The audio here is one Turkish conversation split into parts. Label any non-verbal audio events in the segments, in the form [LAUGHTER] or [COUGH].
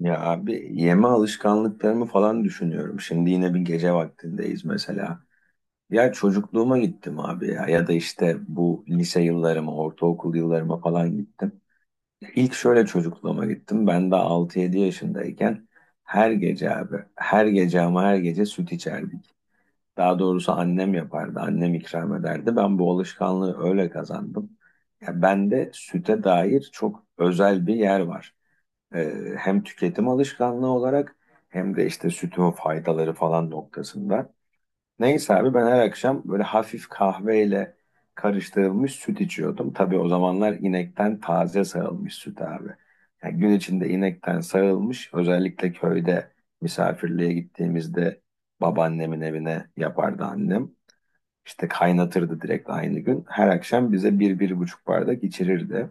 Ya abi yeme alışkanlıklarımı falan düşünüyorum. Şimdi yine bir gece vaktindeyiz mesela. Ya çocukluğuma gittim abi ya da işte bu lise yıllarıma, ortaokul yıllarıma falan gittim. İlk şöyle çocukluğuma gittim. Ben de 6-7 yaşındayken her gece abi, her gece ama her gece süt içerdik. Daha doğrusu annem yapardı, annem ikram ederdi. Ben bu alışkanlığı öyle kazandım. Ya bende süte dair çok özel bir yer var. Hem tüketim alışkanlığı olarak hem de işte sütün faydaları falan noktasında. Neyse abi ben her akşam böyle hafif kahveyle karıştırılmış süt içiyordum. Tabii o zamanlar inekten taze sağılmış süt abi. Yani gün içinde inekten sağılmış, özellikle köyde misafirliğe gittiğimizde babaannemin evine yapardı annem. İşte kaynatırdı direkt aynı gün. Her akşam bize bir, bir buçuk bardak içirirdi.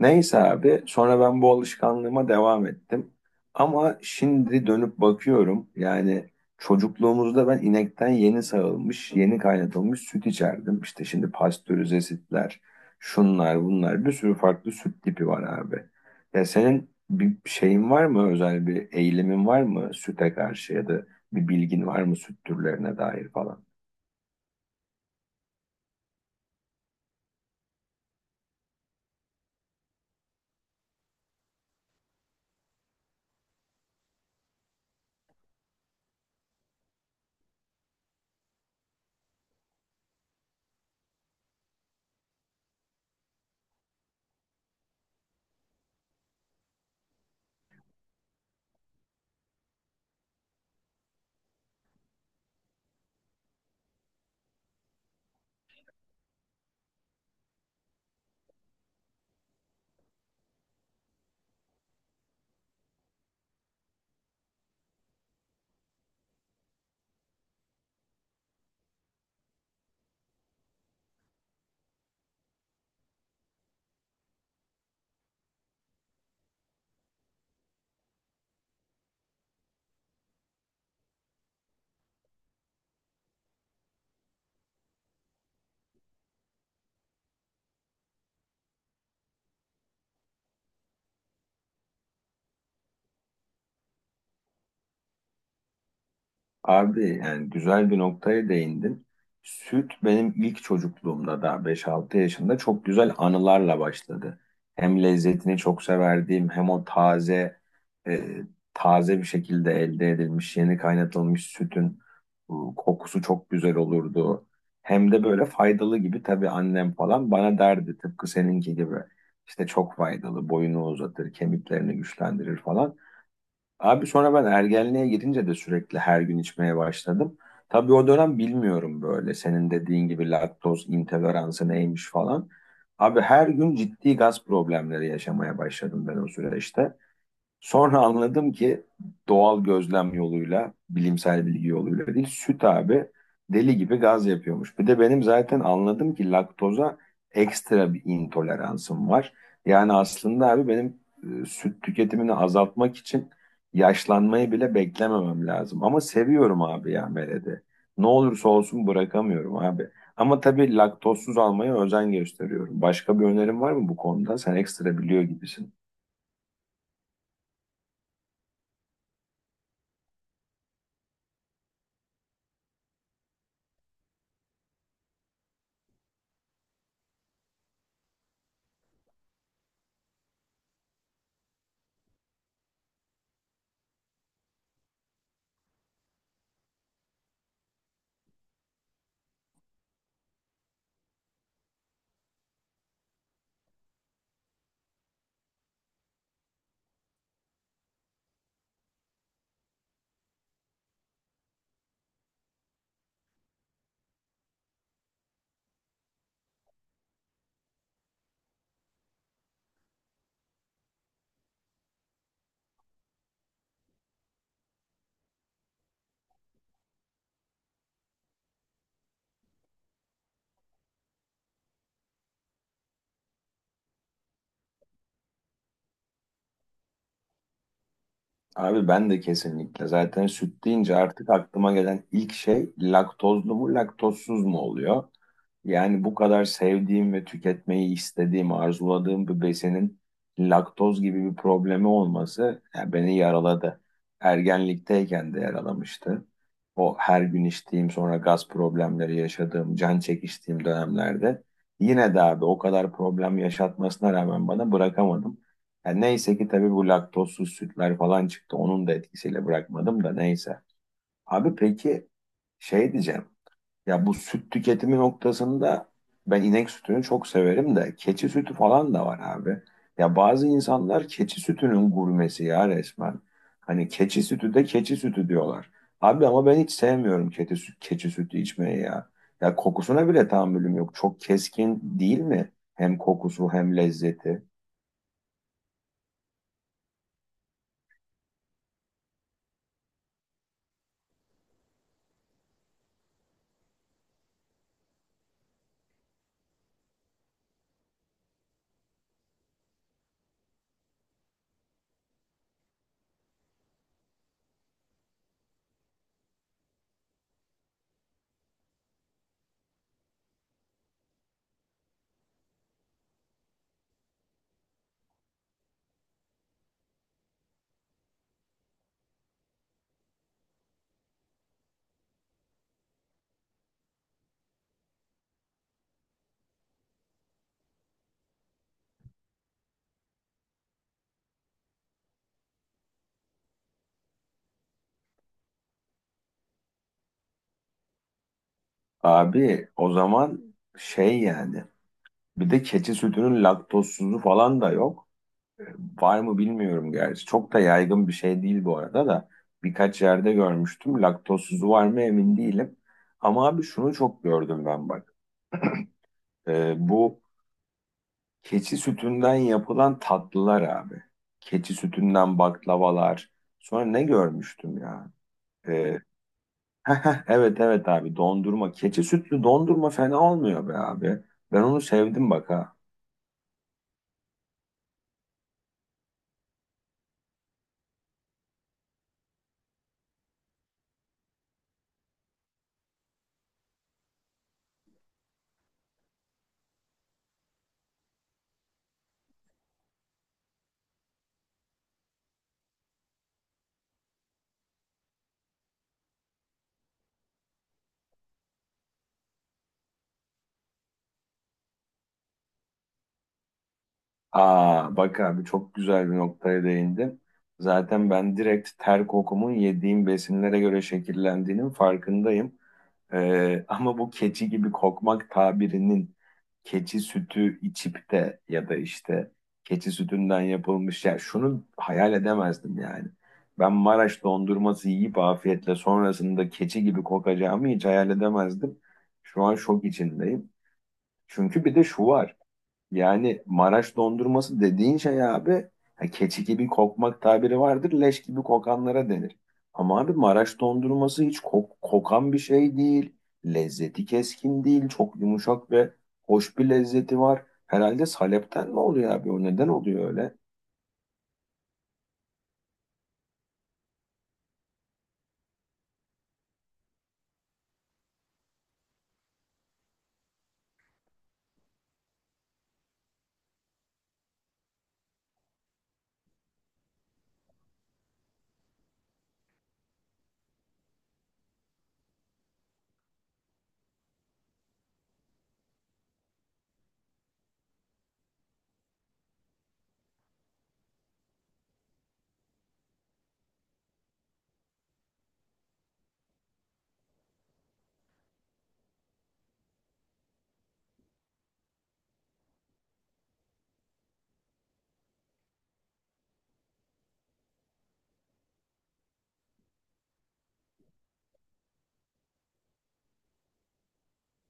Neyse abi sonra ben bu alışkanlığıma devam ettim. Ama şimdi dönüp bakıyorum yani çocukluğumuzda ben inekten yeni sağılmış, yeni kaynatılmış süt içerdim. İşte şimdi pastörize sütler, şunlar bunlar, bir sürü farklı süt tipi var abi. Ya senin bir şeyin var mı, özel bir eğilimin var mı süte karşı, ya da bir bilgin var mı süt türlerine dair falan? Abi yani güzel bir noktaya değindin. Süt benim ilk çocukluğumda da beş altı yaşında çok güzel anılarla başladı. Hem lezzetini çok severdiğim, hem o e, taze bir şekilde elde edilmiş yeni kaynatılmış sütün kokusu çok güzel olurdu. Hem de böyle faydalı gibi, tabii annem falan bana derdi, tıpkı seninki gibi. İşte çok faydalı, boyunu uzatır, kemiklerini güçlendirir falan. Abi sonra ben ergenliğe girince de sürekli her gün içmeye başladım. Tabii o dönem bilmiyorum böyle senin dediğin gibi laktoz intoleransı neymiş falan. Abi her gün ciddi gaz problemleri yaşamaya başladım ben o süreçte. Sonra anladım ki, doğal gözlem yoluyla, bilimsel bilgi yoluyla değil, süt abi deli gibi gaz yapıyormuş. Bir de benim zaten anladım ki laktoza ekstra bir intoleransım var. Yani aslında abi benim süt tüketimini azaltmak için yaşlanmayı bile beklememem lazım. Ama seviyorum abi ya Mered'i. Ne olursa olsun bırakamıyorum abi. Ama tabii laktozsuz almaya özen gösteriyorum. Başka bir önerim var mı bu konuda? Sen ekstra biliyor gibisin. Abi ben de kesinlikle. Zaten süt deyince artık aklıma gelen ilk şey laktozlu mu laktozsuz mu oluyor? Yani bu kadar sevdiğim ve tüketmeyi istediğim, arzuladığım bir besinin laktoz gibi bir problemi olması yani beni yaraladı. Ergenlikteyken de yaralamıştı. O her gün içtiğim, sonra gaz problemleri yaşadığım, can çekiştiğim dönemlerde yine de abi o kadar problem yaşatmasına rağmen bana bırakamadım. Yani neyse ki tabii bu laktozsuz sütler falan çıktı. Onun da etkisiyle bırakmadım da, neyse. Abi peki, şey diyeceğim. Ya bu süt tüketimi noktasında ben inek sütünü çok severim de keçi sütü falan da var abi. Ya bazı insanlar keçi sütünün gurmesi ya resmen. Hani keçi sütü de keçi sütü diyorlar. Abi ama ben hiç sevmiyorum keçi sütü içmeyi ya. Ya kokusuna bile tahammülüm yok. Çok keskin değil mi? Hem kokusu hem lezzeti. Abi o zaman şey yani, bir de keçi sütünün laktozsuzu falan da yok. E, Var mı bilmiyorum gerçi. Çok da yaygın bir şey değil bu arada da. Birkaç yerde görmüştüm. Laktozsuzu var mı emin değilim. Ama abi şunu çok gördüm ben bak. Bu keçi sütünden yapılan tatlılar abi. Keçi sütünden baklavalar. Sonra ne görmüştüm ya? E, [LAUGHS] evet evet abi, dondurma. Keçi sütlü dondurma fena olmuyor be abi. Ben onu sevdim bak ha. Aa bak abi, çok güzel bir noktaya değindin. Zaten ben direkt ter kokumun yediğim besinlere göre şekillendiğinin farkındayım. [LAUGHS] Ama bu keçi gibi kokmak tabirinin, keçi sütü içip de ya da işte keçi sütünden yapılmış, ya şunu hayal edemezdim yani. Ben Maraş dondurması yiyip afiyetle sonrasında keçi gibi kokacağımı hiç hayal edemezdim. Şu an şok içindeyim. Çünkü bir de şu var. Yani Maraş dondurması dediğin şey abi, ha, keçi gibi kokmak tabiri vardır, leş gibi kokanlara denir. Ama abi Maraş dondurması hiç kokan bir şey değil. Lezzeti keskin değil. Çok yumuşak ve hoş bir lezzeti var. Herhalde salepten mi oluyor abi? O neden oluyor öyle?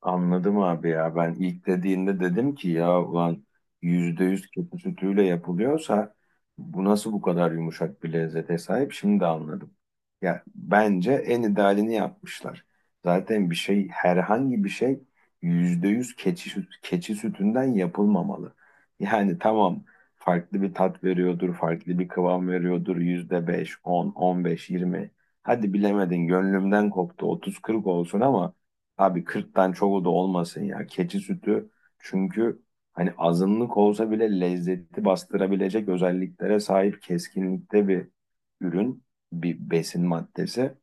Anladım abi ya. Ben ilk dediğinde dedim ki ya ulan, %100 keçi sütüyle yapılıyorsa bu nasıl bu kadar yumuşak bir lezzete sahip? Şimdi de anladım. Ya bence en idealini yapmışlar. Zaten bir şey, herhangi bir şey %100 keçi sütünden yapılmamalı. Yani tamam, farklı bir tat veriyordur, farklı bir kıvam veriyordur. %5, on, on beş, yirmi. Hadi bilemedin gönlümden koptu. Otuz kırk olsun, ama abi kırktan çoğu da olmasın ya. Keçi sütü çünkü, hani azınlık olsa bile lezzeti bastırabilecek özelliklere sahip keskinlikte bir ürün, bir besin maddesi.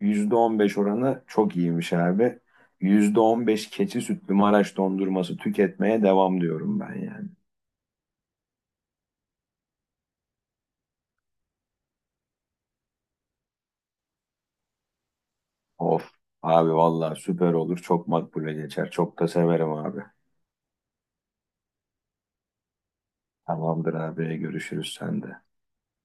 %15 oranı çok iyiymiş abi. %15 keçi sütlü Maraş dondurması tüketmeye devam diyorum ben yani. Of abi vallahi süper olur. Çok makbule geçer. Çok da severim abi. Tamamdır abi, görüşürüz sende.